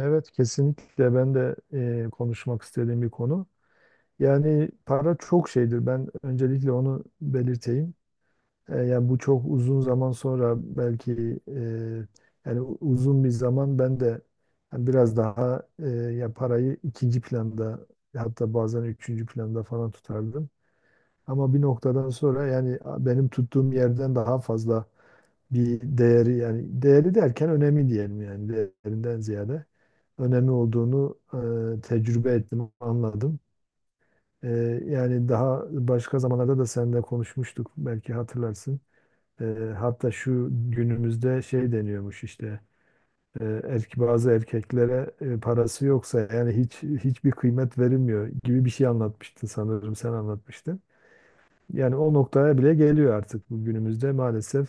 Evet kesinlikle ben de konuşmak istediğim bir konu. Yani para çok şeydir. Ben öncelikle onu belirteyim. Yani bu çok uzun zaman sonra belki yani uzun bir zaman ben de yani biraz daha ya parayı ikinci planda hatta bazen üçüncü planda falan tutardım. Ama bir noktadan sonra benim tuttuğum yerden daha fazla bir değeri, yani değeri derken önemli diyelim, yani değerinden ziyade önemi olduğunu tecrübe ettim, anladım. E, Yani daha başka zamanlarda da seninle konuşmuştuk, belki hatırlarsın. E, Hatta şu günümüzde şey deniyormuş işte, bazı erkeklere parası yoksa yani hiçbir kıymet verilmiyor gibi bir şey anlatmıştın, sanırım sen anlatmıştın. Yani o noktaya bile geliyor artık bu günümüzde maalesef.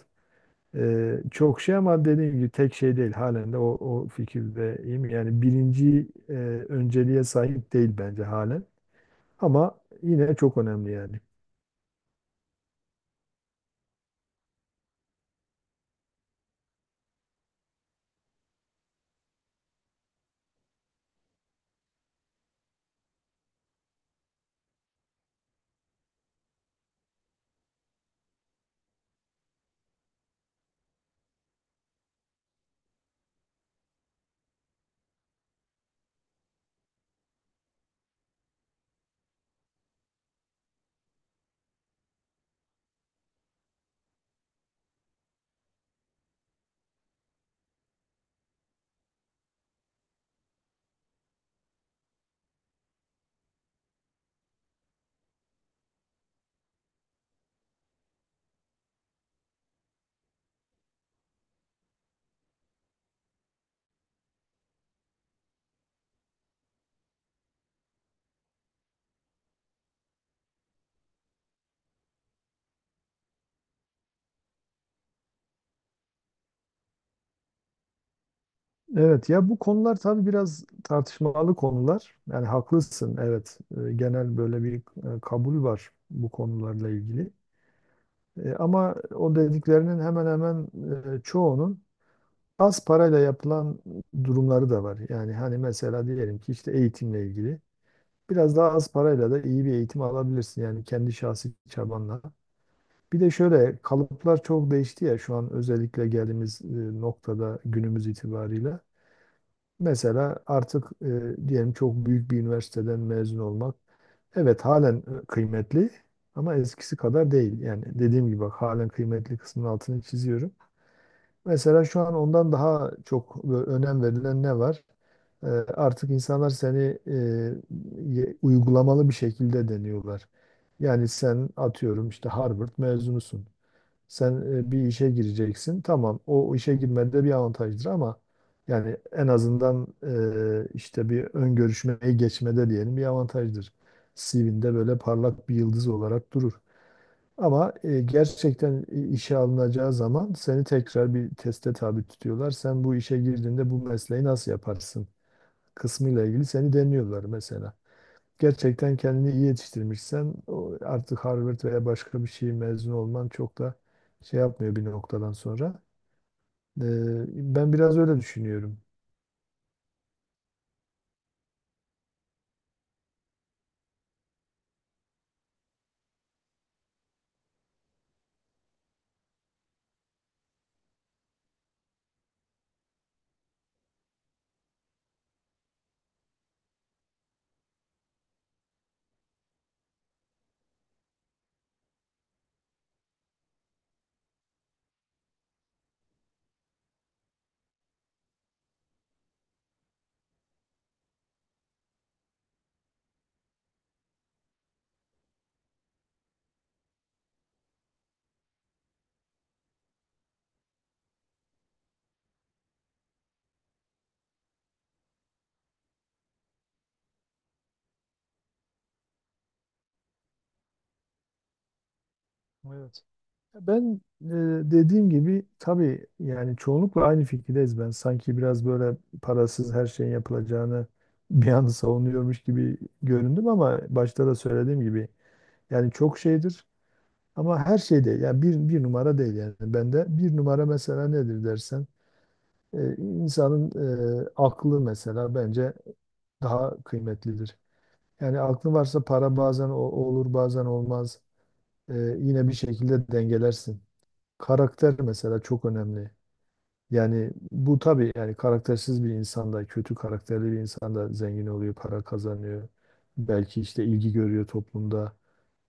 Çok şey ama dediğim gibi tek şey değil. Halen de o fikirdeyim. Yani birinci önceliğe sahip değil bence halen. Ama yine çok önemli yani. Evet, ya bu konular tabii biraz tartışmalı konular. Yani haklısın, evet. Genel böyle bir kabul var bu konularla ilgili. Ama o dediklerinin hemen hemen çoğunun az parayla yapılan durumları da var. Yani hani mesela diyelim ki işte eğitimle ilgili. Biraz daha az parayla da iyi bir eğitim alabilirsin, yani kendi şahsi çabanla. Bir de şöyle kalıplar çok değişti ya şu an, özellikle geldiğimiz noktada günümüz itibariyle. Mesela artık diyelim çok büyük bir üniversiteden mezun olmak, evet halen kıymetli ama eskisi kadar değil. Yani dediğim gibi bak, halen kıymetli kısmının altını çiziyorum. Mesela şu an ondan daha çok böyle önem verilen ne var? Eee, Artık insanlar seni uygulamalı bir şekilde deniyorlar. Yani sen atıyorum işte Harvard mezunusun. Sen bir işe gireceksin. Tamam, o işe girmede bir avantajdır ama yani en azından, işte bir ön görüşmeyi geçmede diyelim bir avantajdır. CV'nde böyle parlak bir yıldız olarak durur. Ama gerçekten işe alınacağı zaman seni tekrar bir teste tabi tutuyorlar. Sen bu işe girdiğinde bu mesleği nasıl yaparsın kısmıyla ilgili seni deniyorlar mesela. Gerçekten kendini iyi yetiştirmişsen o artık Harvard veya başka bir şey mezun olman çok da şey yapmıyor bir noktadan sonra. E, Ben biraz öyle düşünüyorum. Evet. Ben dediğim gibi tabii yani çoğunlukla aynı fikirdeyiz ben. Sanki biraz böyle parasız her şeyin yapılacağını bir an savunuyormuş gibi göründüm, ama başta da söylediğim gibi yani çok şeydir ama her şey değil. Yani bir numara değil yani. Bende bir numara mesela nedir dersen, insanın aklı mesela bence daha kıymetlidir. Yani aklın varsa para bazen olur bazen olmaz. Yine bir şekilde dengelersin. Karakter mesela çok önemli. Yani bu tabii yani karaktersiz bir insanda, kötü karakterli bir insanda zengin oluyor, para kazanıyor. Belki işte ilgi görüyor toplumda.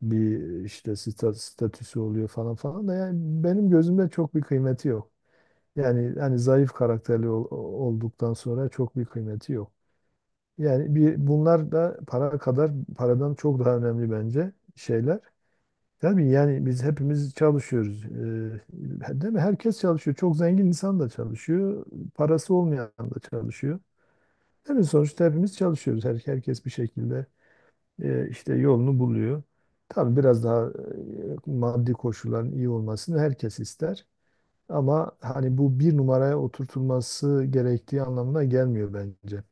Bir işte statüsü oluyor falan falan da yani benim gözümde çok bir kıymeti yok. Yani hani zayıf karakterli olduktan sonra çok bir kıymeti yok. Yani bir, bunlar da para kadar, paradan çok daha önemli bence şeyler. Tabii yani biz hepimiz çalışıyoruz. Değil mi? Herkes çalışıyor. Çok zengin insan da çalışıyor. Parası olmayan da çalışıyor. Değil mi? Sonuçta hepimiz çalışıyoruz. Herkes bir şekilde işte yolunu buluyor. Tabii biraz daha maddi koşulların iyi olmasını herkes ister. Ama hani bu bir numaraya oturtulması gerektiği anlamına gelmiyor bence.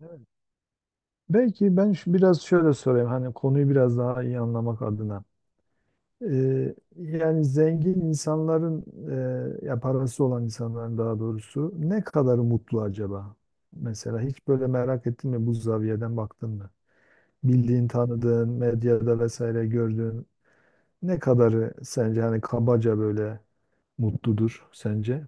Evet. Belki ben biraz şöyle sorayım, hani konuyu biraz daha iyi anlamak adına. Yani zengin insanların, ya parası olan insanların daha doğrusu, ne kadarı mutlu acaba? Mesela hiç böyle merak ettin mi, bu zaviyeden baktın mı? Bildiğin, tanıdığın, medyada vesaire gördüğün ne kadarı sence, hani kabaca böyle mutludur sence?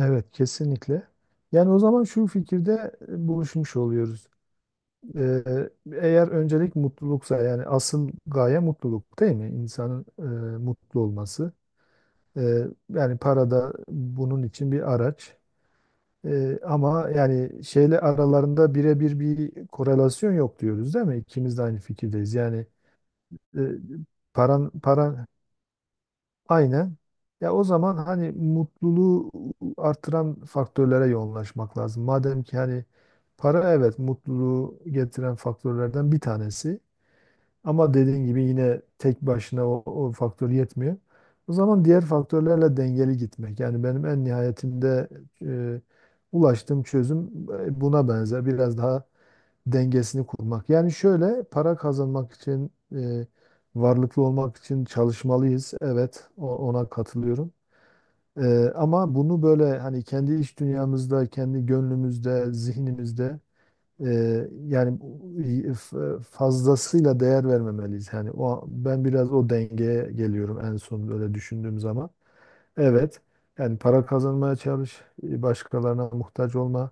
Evet, kesinlikle. Yani o zaman şu fikirde buluşmuş oluyoruz. Ee, Eğer öncelik mutluluksa, yani asıl gaye mutluluk değil mi? İnsanın mutlu olması. Ee, Yani para da bunun için bir araç. Ama yani şeyle aralarında birebir bir korelasyon yok diyoruz değil mi? İkimiz de aynı fikirdeyiz. Yani e, paran aynen. Ya o zaman hani mutluluğu artıran faktörlere yoğunlaşmak lazım. Madem ki hani para, evet, mutluluğu getiren faktörlerden bir tanesi. Ama dediğin gibi yine tek başına o faktör yetmiyor. O zaman diğer faktörlerle dengeli gitmek. Yani benim en nihayetinde e, ulaştığım çözüm buna benzer. Biraz daha dengesini kurmak. Yani şöyle, para kazanmak için, varlıklı olmak için çalışmalıyız. Evet, ona katılıyorum. Ama bunu böyle hani kendi iç dünyamızda, kendi gönlümüzde, zihnimizde yani fazlasıyla değer vermemeliyiz. Yani o, ben biraz o dengeye geliyorum en son böyle düşündüğüm zaman. Evet. Yani para kazanmaya çalış, başkalarına muhtaç olma.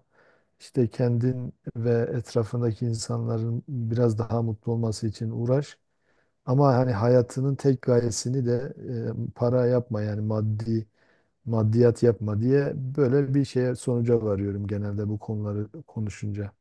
İşte kendin ve etrafındaki insanların biraz daha mutlu olması için uğraş. Ama hani hayatının tek gayesini de para yapma, yani maddiyat yapma diye, böyle bir şeye sonuca varıyorum genelde bu konuları konuşunca.